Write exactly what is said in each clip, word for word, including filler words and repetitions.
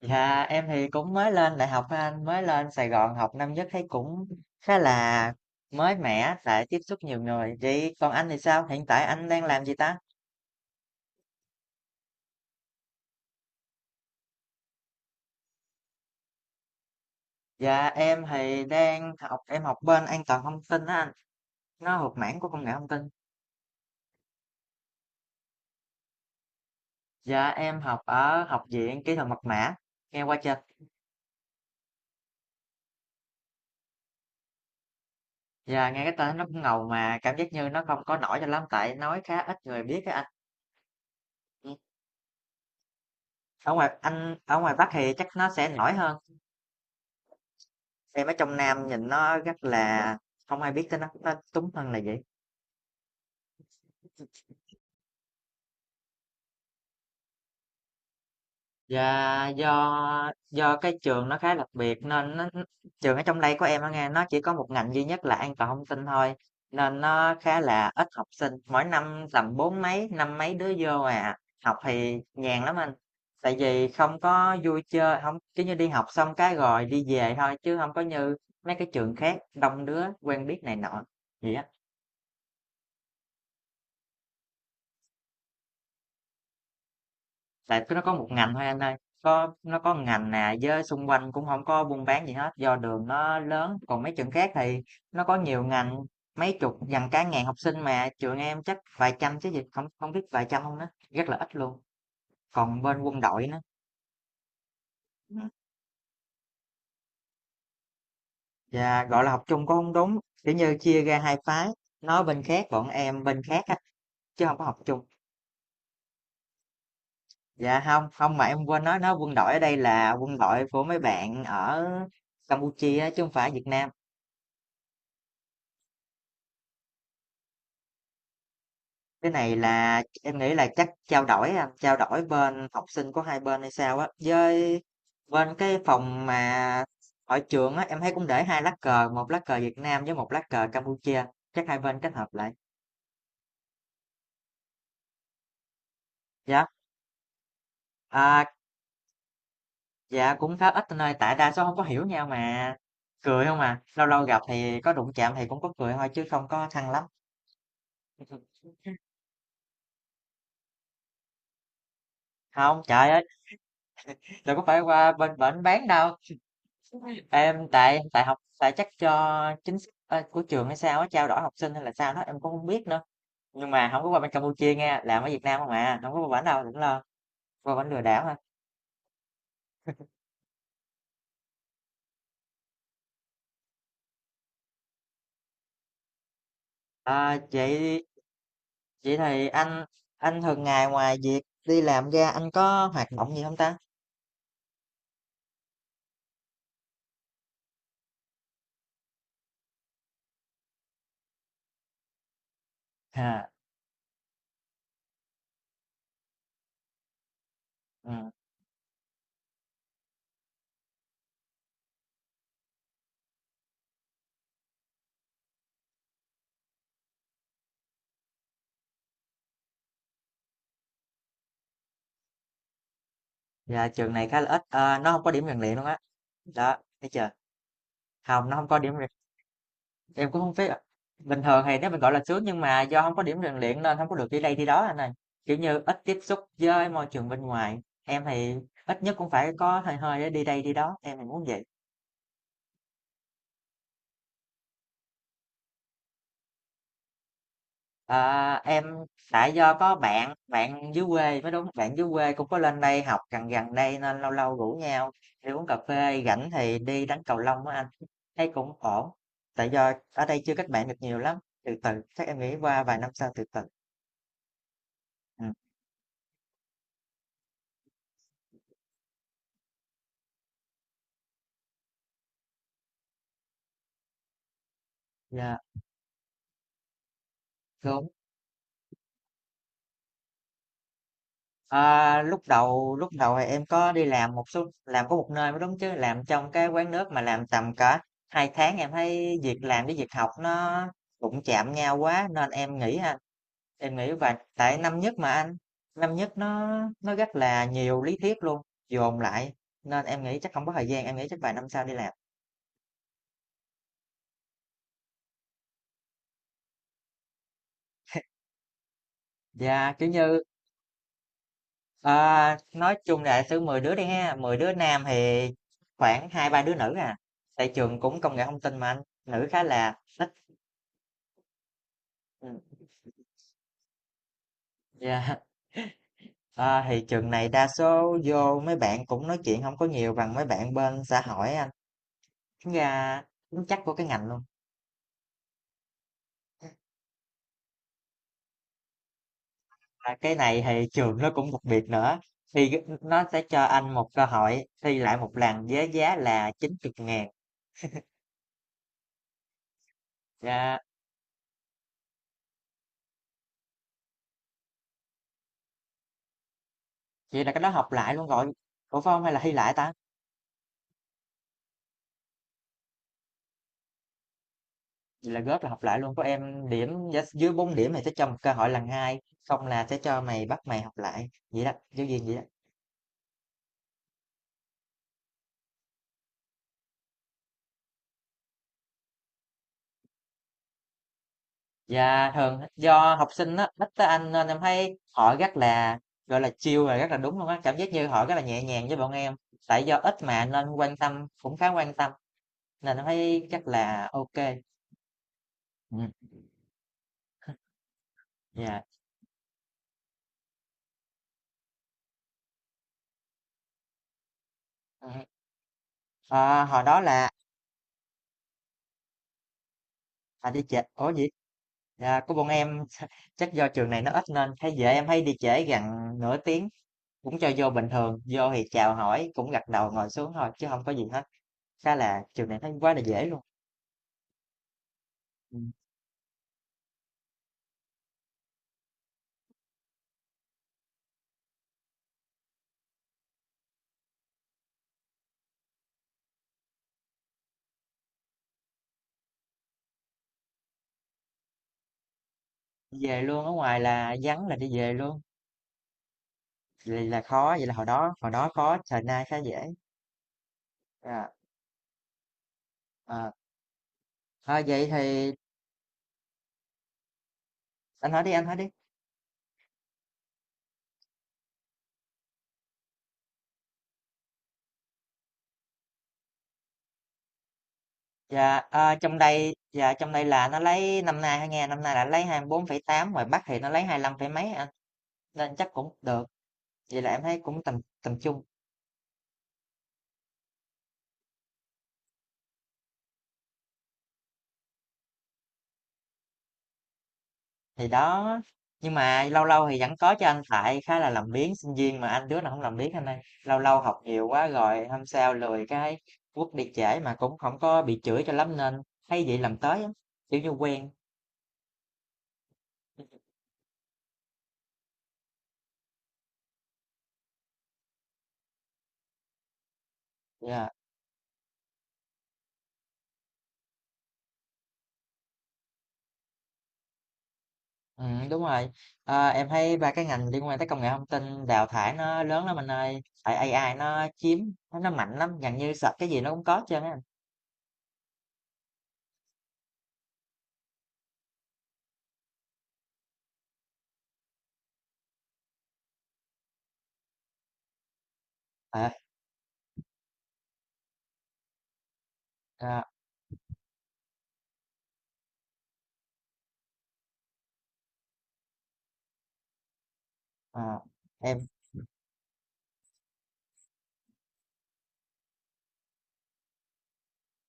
Dạ em thì cũng mới lên đại học thôi anh, mới lên Sài Gòn học năm nhất, thấy cũng khá là mới mẻ tại tiếp xúc nhiều người vậy. Còn anh thì sao, hiện tại anh đang làm gì ta? Dạ em thì đang học, em học bên an toàn thông tin á anh, nó thuộc mảng của công nghệ thông tin. Dạ em học ở Học viện Kỹ thuật Mật mã, nghe qua chưa? Dạ nghe cái tên nó cũng ngầu mà cảm giác như nó không có nổi cho lắm, tại nói khá ít người biết á anh. Ừ. Ở ngoài, anh ở ngoài Bắc thì chắc nó sẽ nổi hơn. Xem ở trong Nam nhìn nó rất là không ai biết tới nó, nó túng thân là vậy. Dạ, do do cái trường nó khá đặc biệt nên nó, trường ở trong đây của em á nghe, nó chỉ có một ngành duy nhất là an toàn thông tin thôi, nên nó khá là ít học sinh, mỗi năm tầm bốn mấy, năm mấy đứa vô à. Học thì nhàn lắm anh, tại vì không có vui chơi, không kiểu như, đi học xong cái rồi đi về thôi, chứ không có như mấy cái trường khác đông đứa quen biết này nọ, gì á. Tại nó có một ngành thôi anh ơi, có nó có một ngành nè với xung quanh cũng không có buôn bán gì hết, do đường nó lớn. Còn mấy trường khác thì nó có nhiều ngành, mấy chục gần cả ngàn học sinh, mà trường em chắc vài trăm chứ gì, không không biết vài trăm không đó, rất là ít luôn. Còn bên quân đội nữa, và gọi là học chung cũng hông đúng, kiểu như, chia ra hai phái, nó bên khác, bọn em bên khác á, chứ không có học chung. Dạ không, không mà em quên nói, nó quân đội ở đây là quân đội của mấy bạn ở Campuchia á, chứ không phải Việt Nam. Cái này là em nghĩ là chắc trao đổi anh, trao đổi bên học sinh của hai bên hay sao á, với bên cái phòng mà ở trường á, em thấy cũng để hai lá cờ, một lá cờ Việt Nam với một lá cờ Campuchia, chắc hai bên kết hợp lại. Dạ, à, dạ cũng khá ít anh ơi, tại đa số không có hiểu nhau mà cười không à, lâu lâu gặp thì có đụng chạm thì cũng có cười thôi chứ không có thân lắm. Không, trời ơi, đừng có phải qua bên bển bán đâu. Em tại tại học tại chắc cho chính sách ờ, của trường hay sao á, trao đổi học sinh hay là sao đó em cũng không biết nữa, nhưng mà không có qua bên Campuchia nghe, làm ở Việt Nam không à, không có qua bển đâu đừng lo. Qua bển lừa đảo hả? À, chị chị thì anh anh thường ngày ngoài việc đi làm ra anh có hoạt động gì không ta? À. Ừ. Dạ trường này khá là ít. Ờ, nó không có điểm rèn luyện luôn á, đó thấy chưa. Không, nó không có điểm. Em cũng không biết ạ. Bình thường thì nếu mình, gọi là, sướng nhưng mà do không có điểm rèn luyện nên không có được đi đây đi đó anh ơi, kiểu như, ít tiếp xúc với môi trường bên ngoài. Em thì ít nhất cũng phải có hơi hơi để đi đây đi đó, em thì muốn vậy. Ờ, em tại do có bạn, bạn dưới quê mới đúng, bạn dưới quê cũng có lên đây học gần gần đây nên lâu lâu rủ nhau đi uống cà phê, rảnh thì đi đánh cầu lông á anh, thấy cũng ổn. Tại do ở đây chưa kết bạn được nhiều lắm, từ từ, chắc em nghĩ qua vài năm sau từ từ. Ừm, yeah. Ờ, lúc đầu lúc đầu thì em có đi làm một số, làm có một nơi mới đúng, chứ làm trong cái quán nước mà làm tầm cả hai tháng, em thấy việc làm với việc học nó đụng chạm nhau quá nên em nghĩ ha, em nghĩ vậy tại năm nhất mà anh, năm nhất nó nó rất là nhiều lý thuyết luôn dồn lại, nên em nghĩ chắc không có thời gian, em nghĩ chắc vài năm sau đi làm. Dạ kiểu như, ờ, nói chung là thứ mười đứa đi ha, mười đứa nam thì khoảng hai ba đứa nữ à, tại trường cũng công nghệ thông tin mà anh, nữ khá là ít. Ừ. Dạ, à, thì trường này đa số vô mấy bạn cũng nói chuyện không có nhiều bằng mấy bạn bên xã hội anh. Tính ra tính chất của cái ngành luôn. Và cái này thì trường nó cũng đặc biệt nữa. Thì cái- nó sẽ cho anh một cơ hội thi lại một lần với giá là 90 ngàn. Dạ, vậy là cái đó học lại luôn rồi. Ủa phải không, hay là thi lại ta? Vậy là góp là học lại luôn. Có em điểm giá- dưới bốn điểm thì sẽ cho một cơ hội lần hai. Không là sẽ cho mày, bắt mày học lại. Vậy đó, giáo viên vậy đó. Dạ thường do học sinh á, ít tới Anh nên em thấy họ rất là, gọi là, chill và rất là đúng luôn á, cảm giác như họ rất là nhẹ nhàng với bọn em. Tại do ít mà nên quan tâm, cũng khá quan tâm, nên em thấy chắc là ok kê. Ừm, dạ. Ừm. Ờ, hồi đó là, à, đi trễ ủa gì? Dạ, của bọn em. Chắc do trường này nó ít nên thấy dễ, em thấy đi trễ gần nửa tiếng, cũng cho vô bình thường, vô thì chào hỏi, cũng gật đầu ngồi xuống thôi chứ không có gì hết, khá là trường này thấy quá là dễ luôn. Ừ. Về luôn, ở ngoài là vắng là đi về luôn. Vậy là khó, vậy là hồi đó hồi đó khó, thời nay khá dễ. Dạ. Ờ. Ờ, vậy thì anh hỏi đi, anh hỏi đi. Dạ ờ, trong đây, dạ trong đây là nó lấy năm nay, hay nghe năm nay là lấy hai mươi bốn phẩy tám, ngoài Bắc thì nó lấy hai mươi lăm phẩy mấy anh, nên chắc cũng được, vậy là em thấy cũng tầm tầm trung. Thì đó, nhưng mà lâu lâu thì vẫn có cho anh, tại khá là làm biếng, sinh viên mà anh, đứa nào không làm biếng anh ơi. Lâu lâu học nhiều quá rồi hôm sau lười cái quất đi trễ, mà cũng không có bị chửi cho lắm nên thấy vậy làm tới á, kiểu như quen. Yeah, ừm, đúng rồi. Ờ, em thấy ba cái ngành liên quan tới công nghệ thông tin đào thải nó lớn lắm anh ơi, tại ây ai nó chiếm, nó nó mạnh lắm, gần như search cái gì nó cũng có hết trơn á anh. Ờ, ờ, ờ, em,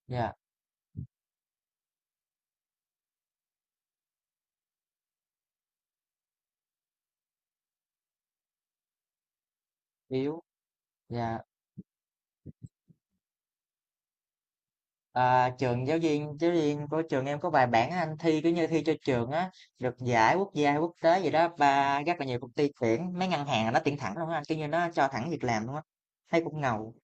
yeah, yếu, yeah. À, trường, giáo viên giáo viên của trường em có vài bạn anh, thi cứ như thi cho trường á, được giải quốc gia hay quốc tế gì đó, và rất là nhiều công ty tuyển, mấy ngân hàng là nó tuyển thẳng luôn á anh, kiểu như nó cho thẳng việc làm luôn á, thấy cũng ngầu.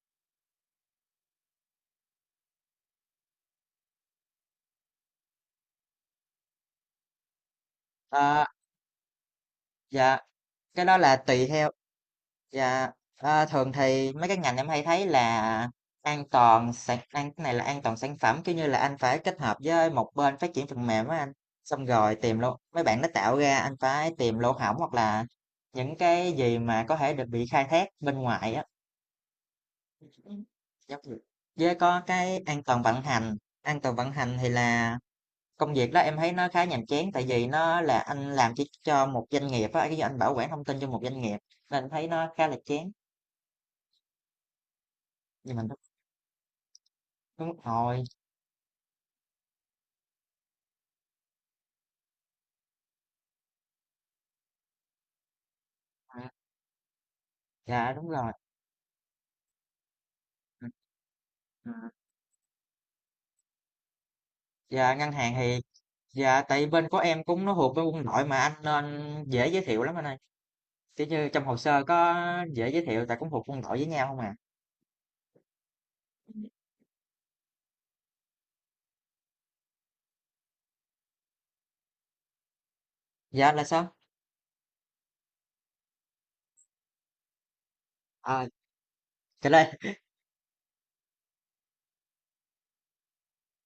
À, dạ cái đó là tùy theo. Dạ, ờ, thường thì mấy cái ngành em hay thấy là an toàn sản an cái này là an toàn sản phẩm, kiểu như là anh phải kết hợp với một bên phát triển phần mềm á anh, xong rồi tìm lỗ mấy bạn nó tạo ra, anh phải tìm lỗ hổng, hoặc là những cái gì mà có thể được bị khai thác bên ngoài á. Giống như- với có cái an toàn vận hành, an toàn vận hành thì là công việc đó em thấy nó khá nhàm chán, tại vì nó là anh làm chỉ cho một doanh nghiệp á, cái anh bảo quản thông tin cho một doanh nghiệp nên thấy nó khá là chán, nhưng mà. Đúng rồi, à, dạ đúng rồi. Ừ, ừ. Dạ ngân hàng thì, dạ tại bên của em cũng nó thuộc với quân đội mà anh nên dễ giới thiệu lắm anh ơi. Kiểu như trong hồ sơ có dễ giới thiệu tại cũng thuộc quân đội với nhau không à. Dạ là sao? À, cái đây.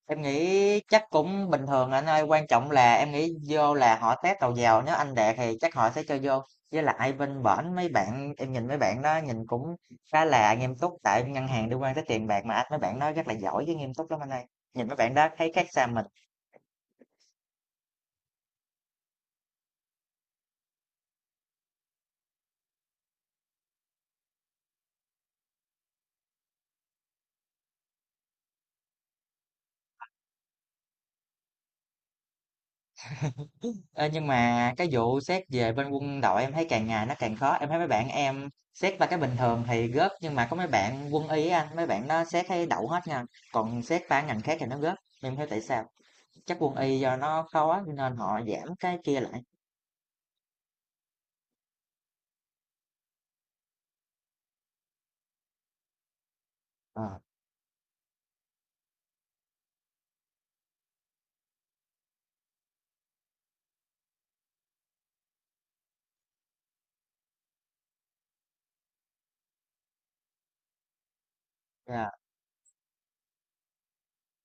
Em nghĩ chắc cũng bình thường anh ơi, quan trọng là em nghĩ vô là họ test đầu vào, nếu anh đạt thì chắc họ sẽ cho vô. Với lại bên bển mấy bạn, em nhìn mấy bạn đó nhìn cũng khá là nghiêm túc, tại ngân hàng liên quan tới tiền bạc mà anh, mấy bạn đó rất là giỏi với nghiêm túc lắm anh ơi. Nhìn mấy bạn đó thấy khác xa mình. Ê, nhưng mà cái vụ xét về bên quân đội em thấy càng ngày nó càng khó. Em thấy mấy bạn em xét ba cái bình thường thì gớp, nhưng mà có mấy bạn quân y á anh, mấy bạn đó xét thấy đậu hết nha. Còn xét ba ngành khác thì nó gớp. Em không hiểu tại sao? Chắc quân y do nó khó nên họ giảm cái kia lại. Ờ, yeah,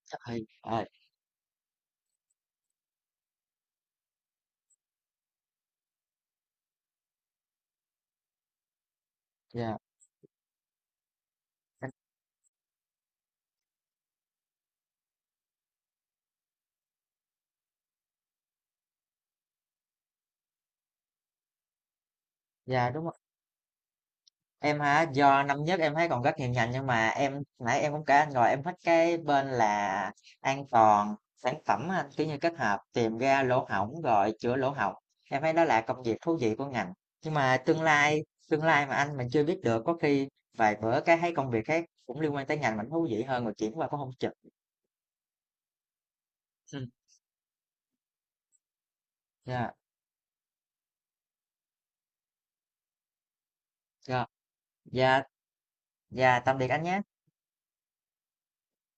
chắc thì ờ, dạ chắc- yeah, đúng rồi. Em hả? Do năm nhất em thấy còn rất nhiều ngành, nhưng mà em nãy em cũng kể anh rồi, em thích cái bên là an toàn sản phẩm á anh, kiểu như kết hợp tìm ra lỗ hổng rồi chữa lỗ hổng, em thấy đó là công việc thú vị của ngành. Nhưng mà tương lai tương lai mà anh mình chưa biết được, có khi vài bữa cái thấy công việc khác cũng liên quan tới ngành mình thú vị hơn rồi chuyển qua cũng không chừng. Ừ. Dạ, dạ, dạ, dạ tạm biệt anh nhé.